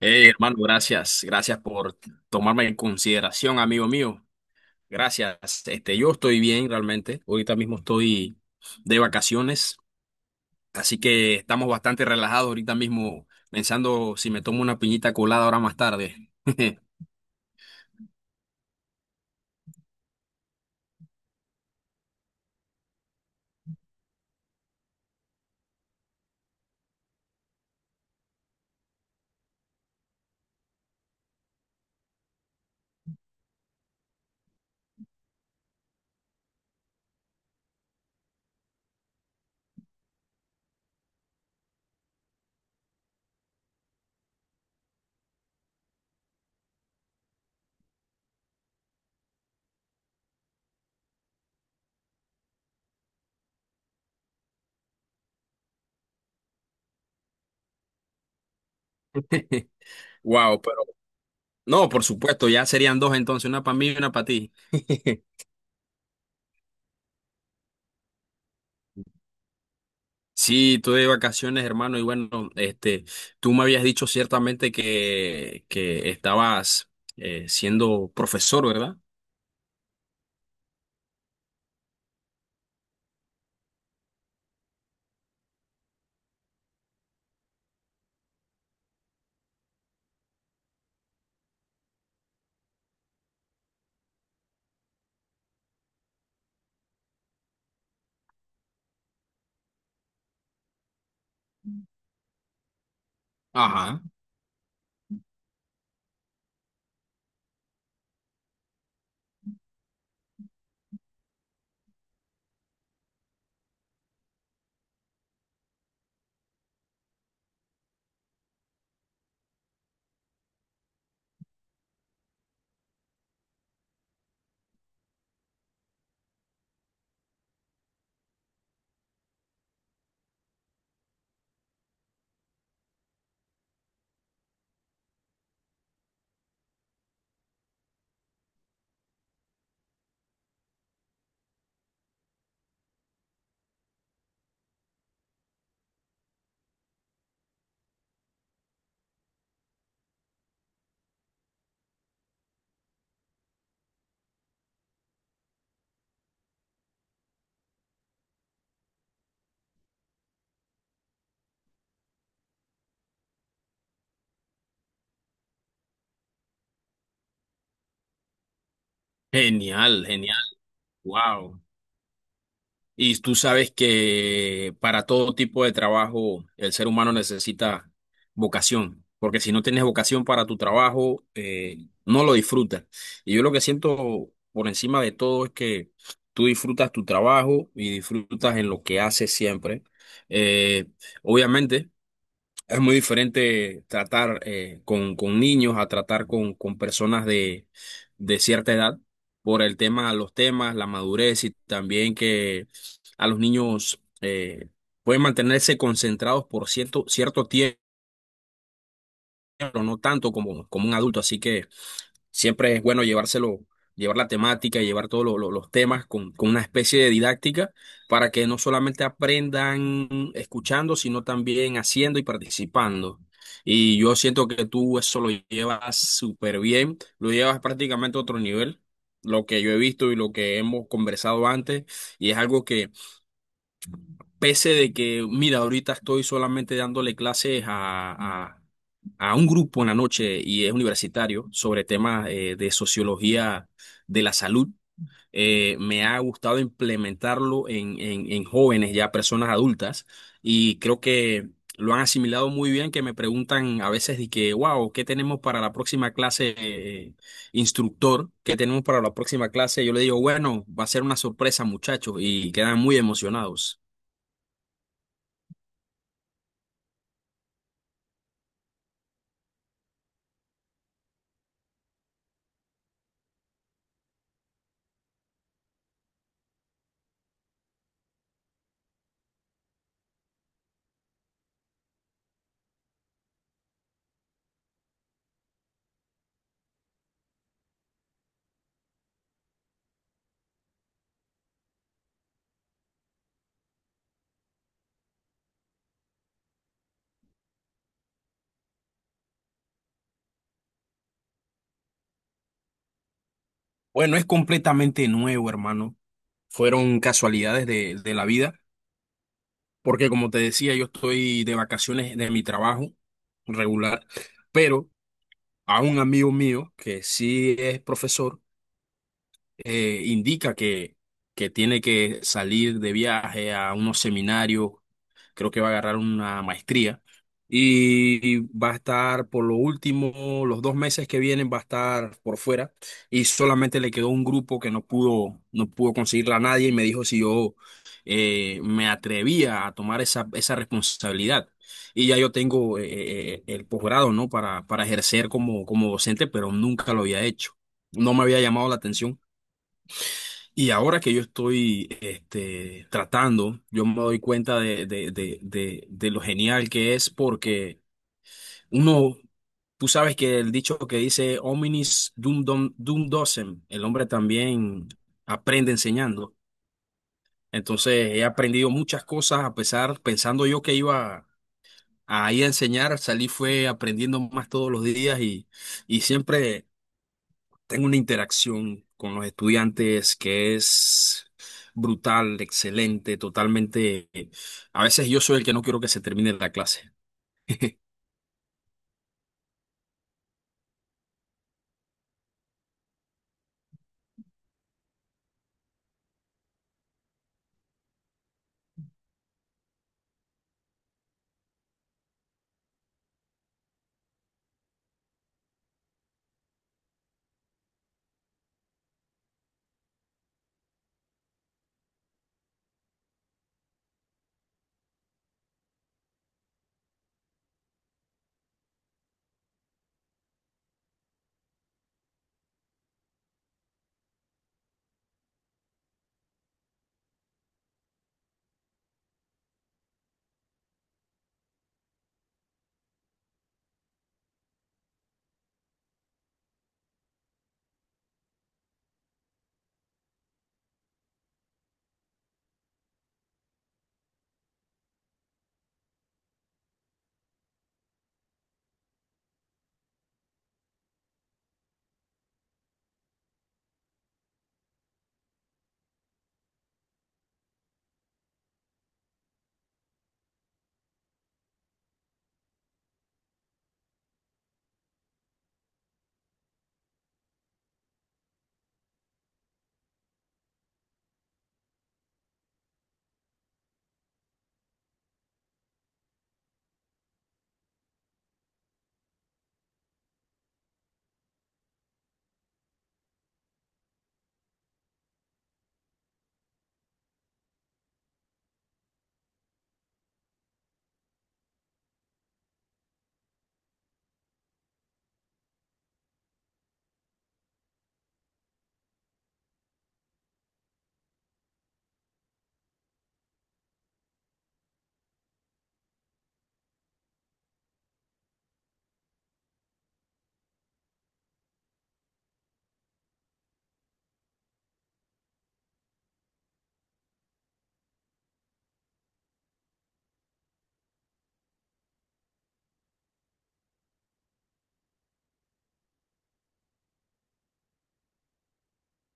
Hey, hermano, gracias. Gracias por tomarme en consideración, amigo mío. Gracias. Yo estoy bien realmente. Ahorita mismo estoy de vacaciones, así que estamos bastante relajados ahorita mismo, pensando si me tomo una piñita colada ahora más tarde. Wow, pero no, por supuesto, ya serían dos entonces, una para mí y una para ti. Sí, estoy de vacaciones, hermano, y bueno, tú me habías dicho ciertamente que estabas siendo profesor, ¿verdad? Ajá, genial, genial, wow. Y tú sabes que para todo tipo de trabajo el ser humano necesita vocación, porque si no tienes vocación para tu trabajo, no lo disfrutas. Y yo lo que siento por encima de todo es que tú disfrutas tu trabajo y disfrutas en lo que haces siempre. Eh, obviamente. Es muy diferente tratar con niños a tratar con personas de cierta edad por el tema, los temas, la madurez y también que a los niños pueden mantenerse concentrados por cierto tiempo, pero no tanto como, como un adulto. Así que siempre es bueno llevar la temática, llevar todos los temas con una especie de didáctica para que no solamente aprendan escuchando, sino también haciendo y participando. Y yo siento que tú eso lo llevas súper bien, lo llevas prácticamente a otro nivel, lo que yo he visto y lo que hemos conversado antes, y es algo. Pese de que, mira, ahorita estoy solamente dándole clases a, a- a un grupo en la noche y es universitario sobre temas de sociología de la salud. Me ha gustado implementarlo en jóvenes, ya personas adultas, y creo que lo han asimilado muy bien, que me preguntan a veces de que, wow, ¿qué tenemos para la próxima clase, instructor? ¿Qué tenemos para la próxima clase? Yo le digo, bueno, va a ser una sorpresa, muchachos, y quedan muy emocionados. Bueno, es completamente nuevo, hermano. Fueron casualidades de la vida, porque como te decía, yo estoy de vacaciones de mi trabajo regular, pero a un amigo mío que sí es profesor, indica que tiene que salir de viaje a unos seminarios. Creo que va a agarrar una maestría y va a estar por lo último, los dos meses que vienen va a estar por fuera y solamente le quedó un grupo que no pudo conseguirla a nadie y me dijo si yo me atrevía a tomar esa responsabilidad. Y ya yo tengo el posgrado, ¿no? Para ejercer como docente, pero nunca lo había hecho. No me había llamado la atención. Y ahora que yo estoy tratando, yo me doy cuenta de lo genial que es porque uno, tú sabes que el dicho que dice hominis dum, dum, dum docem, el hombre también aprende enseñando. Entonces he aprendido muchas cosas a pesar, pensando yo que iba a ir a enseñar, salí fue aprendiendo más todos los días y siempre. Tengo una interacción con los estudiantes que es brutal, excelente, totalmente. A veces yo soy el que no quiero que se termine la clase.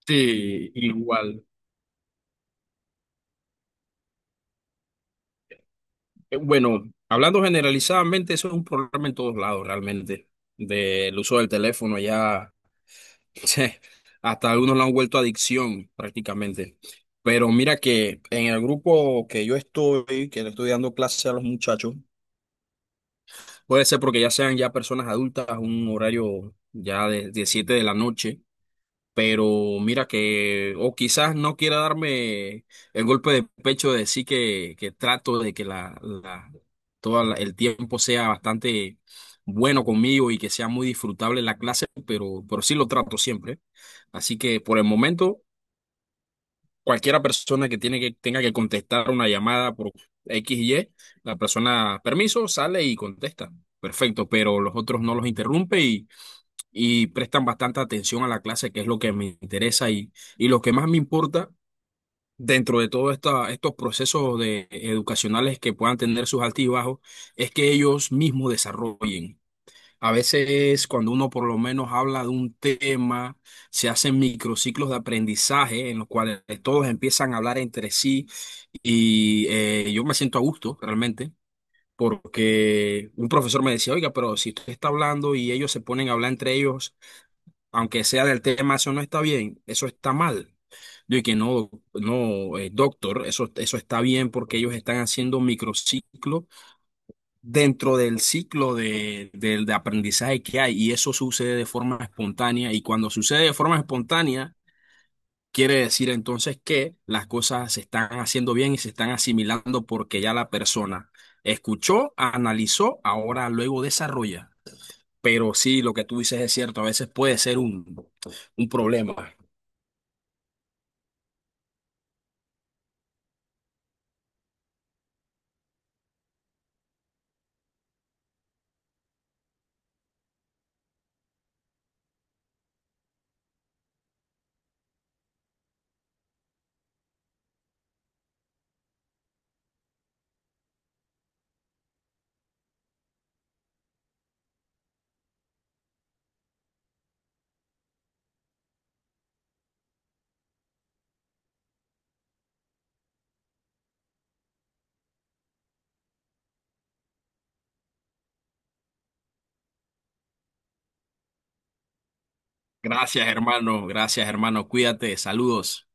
Sí, igual. Bueno, hablando generalizadamente, eso es un problema en todos lados realmente, del uso del teléfono ya, hasta algunos lo han vuelto adicción prácticamente. Pero mira que en el grupo que yo estoy, que le estoy dando clase a los muchachos, puede ser porque ya sean ya personas adultas, un horario ya de 7 de la noche, pero mira que, o quizás no quiera darme el golpe de pecho de decir que trato de que todo el tiempo sea bastante bueno conmigo y que sea muy disfrutable la clase, pero sí lo trato siempre. Así que por el momento cualquiera persona que tiene que tenga que contestar una llamada por X y Y, la persona, permiso, sale y contesta. Perfecto, pero los otros no los interrumpe y prestan bastante atención a la clase, que es lo que me interesa y lo que más me importa dentro de todos estos procesos de, educacionales que puedan tener sus altibajos, es que ellos mismos desarrollen. A veces cuando uno por lo menos habla de un tema, se hacen microciclos de aprendizaje en los cuales todos empiezan a hablar entre sí y yo me siento a gusto realmente porque un profesor me decía, oiga, pero si usted está hablando y ellos se ponen a hablar entre ellos, aunque sea del tema, eso no está bien, eso está mal. Yo que no, doctor, eso está bien porque ellos están haciendo microciclos dentro del ciclo de aprendizaje que hay y eso sucede de forma espontánea y cuando sucede de forma espontánea quiere decir entonces que las cosas se están haciendo bien y se están asimilando porque ya la persona escuchó, analizó, ahora luego desarrolla. Pero sí, lo que tú dices es cierto, a veces puede ser un problema. Gracias, hermano, cuídate, saludos.